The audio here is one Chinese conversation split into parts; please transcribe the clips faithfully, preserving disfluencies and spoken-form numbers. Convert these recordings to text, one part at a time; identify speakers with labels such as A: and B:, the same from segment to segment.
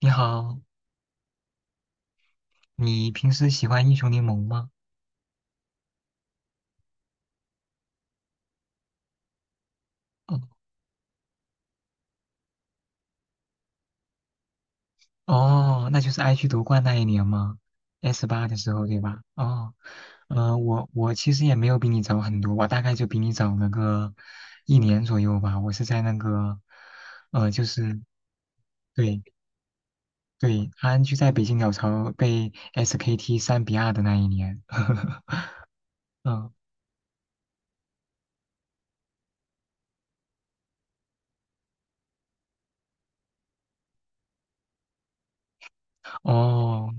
A: 你好，你平时喜欢英雄联盟吗？哦哦，那就是 I G 夺冠那一年吗？S 八的时候对吧？哦，呃，我我其实也没有比你早很多，我大概就比你早了个一年左右吧。我是在那个，呃，就是对对 r n G 在北京鸟巢被 S K T 三比二的那一年。嗯，哦，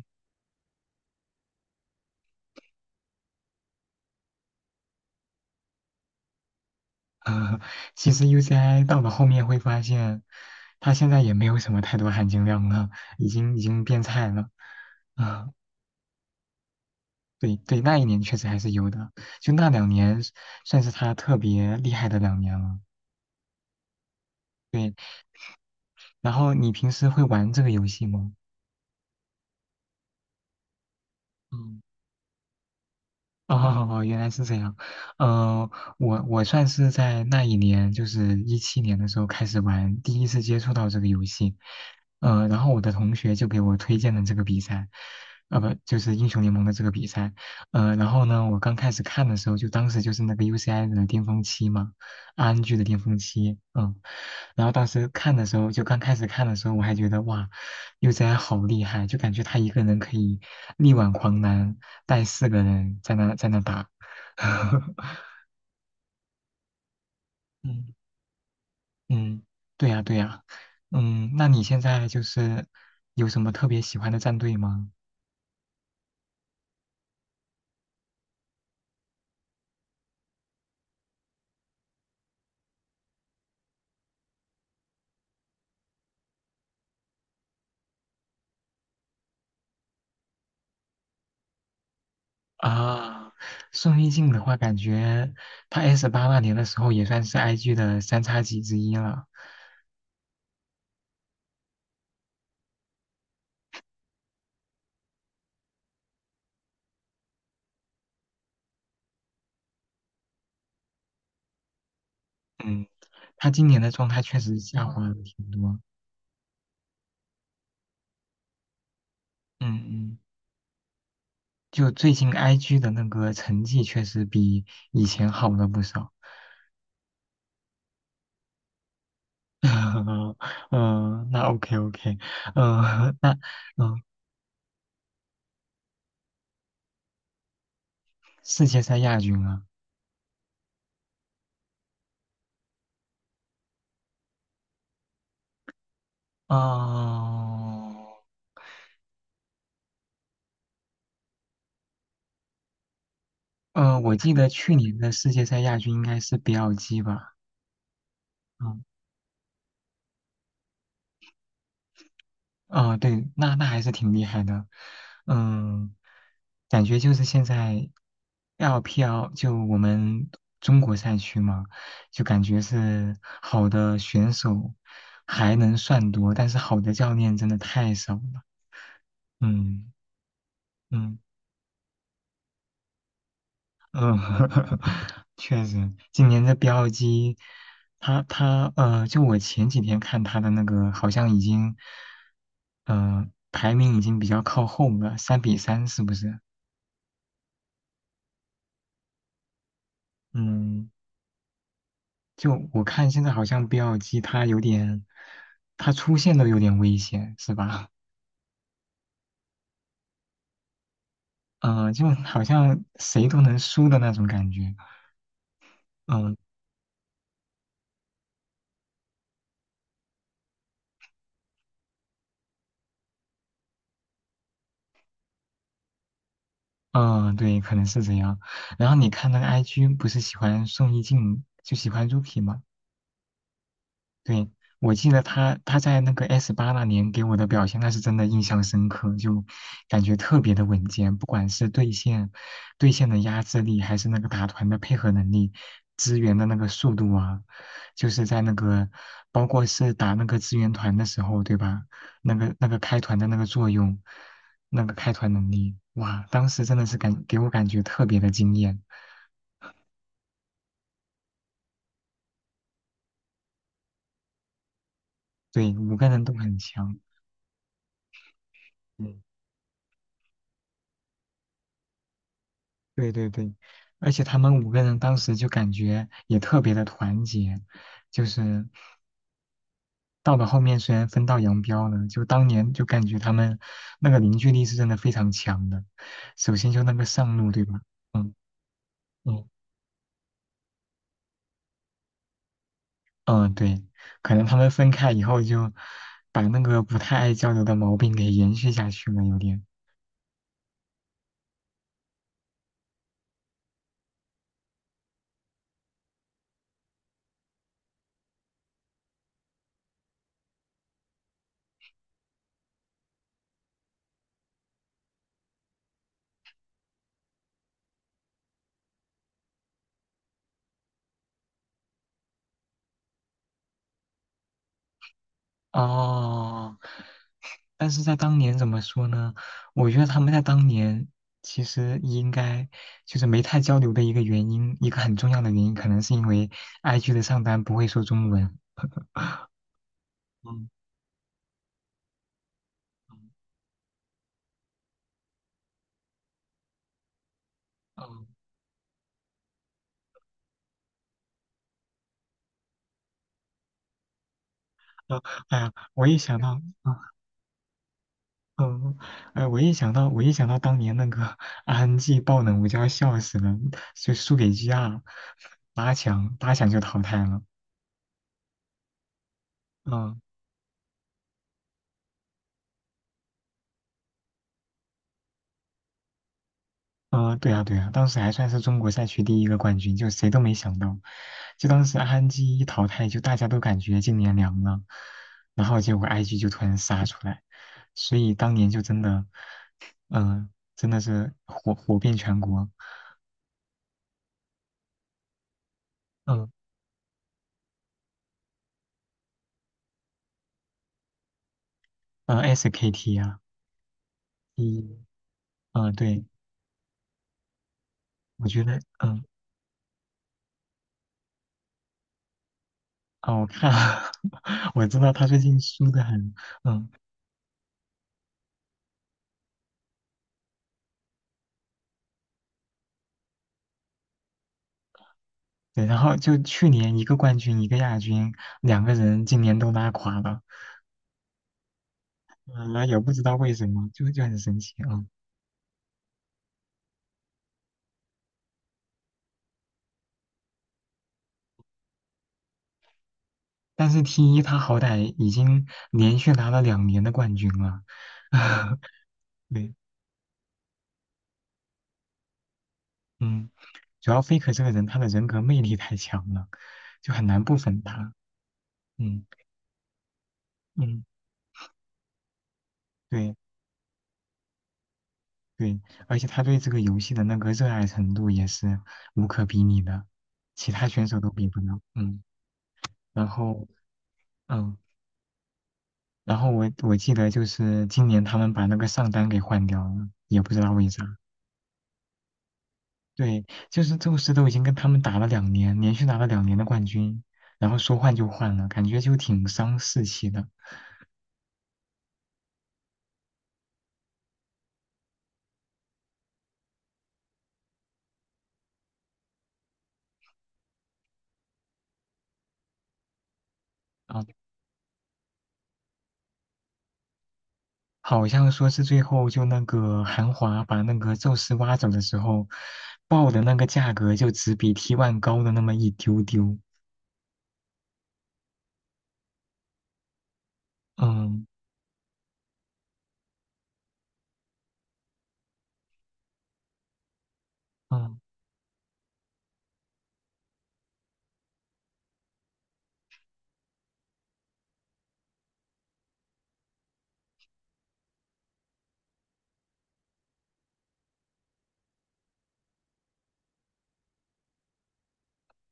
A: 呃，其实 U C I 到了后面会发现，它现在也没有什么太多含金量了，已经已经变菜了。啊、对对，那一年确实还是有的，就那两年算是它特别厉害的两年了。对，然后你平时会玩这个游戏吗？嗯 哦，原来是这样。呃，我我算是在那一年，就是一七年的时候开始玩，第一次接触到这个游戏。呃，然后我的同学就给我推荐了这个比赛，呃，不，就是英雄联盟的这个比赛。呃，然后呢，我刚开始看的时候，就当时就是那个 U C I 的巅峰期嘛，R N G 的巅峰期，嗯。然后当时看的时候，就刚开始看的时候，我还觉得哇，U C I 好厉害，就感觉他一个人可以。力挽狂澜，带四个人在那在那打。嗯嗯，对呀对呀，嗯，那你现在就是有什么特别喜欢的战队吗？啊，宋一静的话，感觉她 S 八那年的时候也算是 I G 的三叉戟之一了。嗯，她今年的状态确实下滑了挺多。嗯嗯，就最近 I G 的那个成绩确实比以前好了不少。嗯嗯，那 OK OK，嗯，那嗯，世界赛亚军啊，哦，嗯，我记得去年的世界赛亚军应该是 B L G 吧，嗯，哦，对，那那还是挺厉害的，嗯，感觉就是现在 L P L 就我们中国赛区嘛，就感觉是好的选手还能算多，但是好的教练真的太少了，嗯嗯。嗯，确实，今年的标机，他他呃，就我前几天看他的那个，好像已经，呃，排名已经比较靠后了，三比三是不是？嗯，就我看现在好像 B L G 它有点，他出现都有点危险，是吧？嗯、就好像谁都能输的那种感觉。嗯嗯，对，可能是这样。然后你看那个 I G 不是喜欢宋一静，就喜欢 Rookie 吗？对，我记得他他在那个 S 八那年给我的表现，那是真的印象深刻，就感觉特别的稳健，不管是对线对线的压制力，还是那个打团的配合能力，支援的那个速度啊，就是在那个包括是打那个支援团的时候，对吧？那个那个开团的那个作用，那个开团能力，哇，当时真的是感给我感觉特别的惊艳，对，五个人都很强。嗯对对对，而且他们五个人当时就感觉也特别的团结，就是到了后面虽然分道扬镳了，就当年就感觉他们那个凝聚力是真的非常强的。首先就那个上路，对吧？嗯嗯嗯，对，可能他们分开以后就把那个不太爱交流的毛病给延续下去了，有点。哦但是在当年怎么说呢？我觉得他们在当年其实应该就是没太交流的一个原因，一个很重要的原因，可能是因为 I G 的上单不会说中文。嗯嗯嗯，哎呀，我一想到，嗯嗯，哎，我一想到，我一想到当年那个 R N G 爆冷，我就要笑死了，就输给 G R，八强八强就淘汰了。嗯。嗯，对呀，对呀，当时还算是中国赛区第一个冠军，就谁都没想到，就当时安基一淘汰，就大家都感觉今年凉了，然后结果 I G 就突然杀出来，所以当年就真的，嗯、真的是火火遍全国，嗯、嗯 s k t 啊，一，嗯、对，我觉得，嗯、哦，我看，我知道他最近输的很，嗯，对，然后就去年一个冠军一个亚军，两个人今年都拉垮了。啊，也不知道为什么，就就很神奇啊。但是 T 一他好歹已经连续拿了两年的冠军了，对，嗯，主要 Faker 这个人他的人格魅力太强了，就很难不粉他，嗯嗯，对对，而且他对这个游戏的那个热爱程度也是无可比拟的，其他选手都比不了，嗯，然后嗯，然后我我记得就是今年他们把那个上单给换掉了，也不知道为啥。对，就是宙斯都已经跟他们打了两年，连续拿了两年的冠军，然后说换就换了，感觉就挺伤士气的啊。好像说是最后就那个韩华把那个宙斯挖走的时候，报的那个价格就只比 t One 高的那么一丢丢。嗯嗯，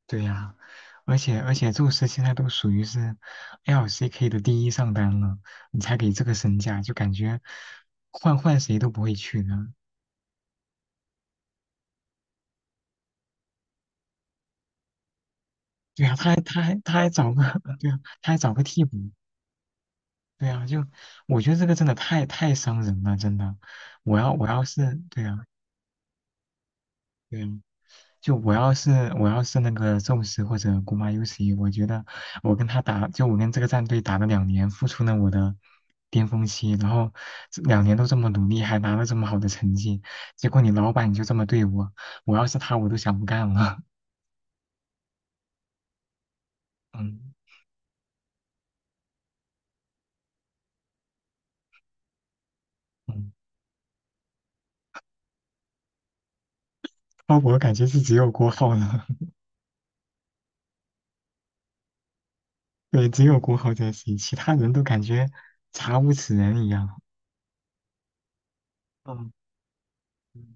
A: 对呀、而且而且宙斯现在都属于是 L C K 的第一上单了，你才给这个身价，就感觉换换谁都不会去的。对啊，他还他还他还找个 对啊，他还找个替补，对啊，就我觉得这个真的太太伤人了，真的。我要我要是对啊对啊，就我要是我要是那个宙斯或者古马尤奇，我觉得我跟他打，就我跟这个战队打了两年，付出了我的巅峰期，然后这两年都这么努力，还拿了这么好的成绩，结果你老板就这么对我，我要是他，我都想不干了。嗯嗯，鲍勃我感觉是只有郭浩了。对，只有郭浩在行，其他人都感觉查无此人一样。嗯，嗯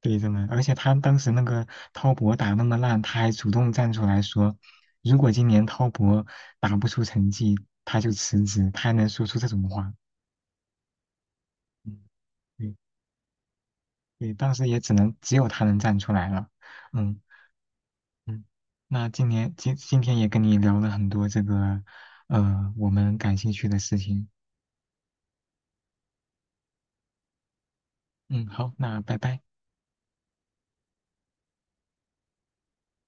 A: 对，真的，而且他当时那个滔博打那么烂，他还主动站出来说，如果今年滔博打不出成绩，他就辞职，他还能说出这种话。嗯对，对，当时也只能只有他能站出来了。嗯嗯，那今年今今天也跟你聊了很多这个，呃，我们感兴趣的事情。嗯，好，那拜拜。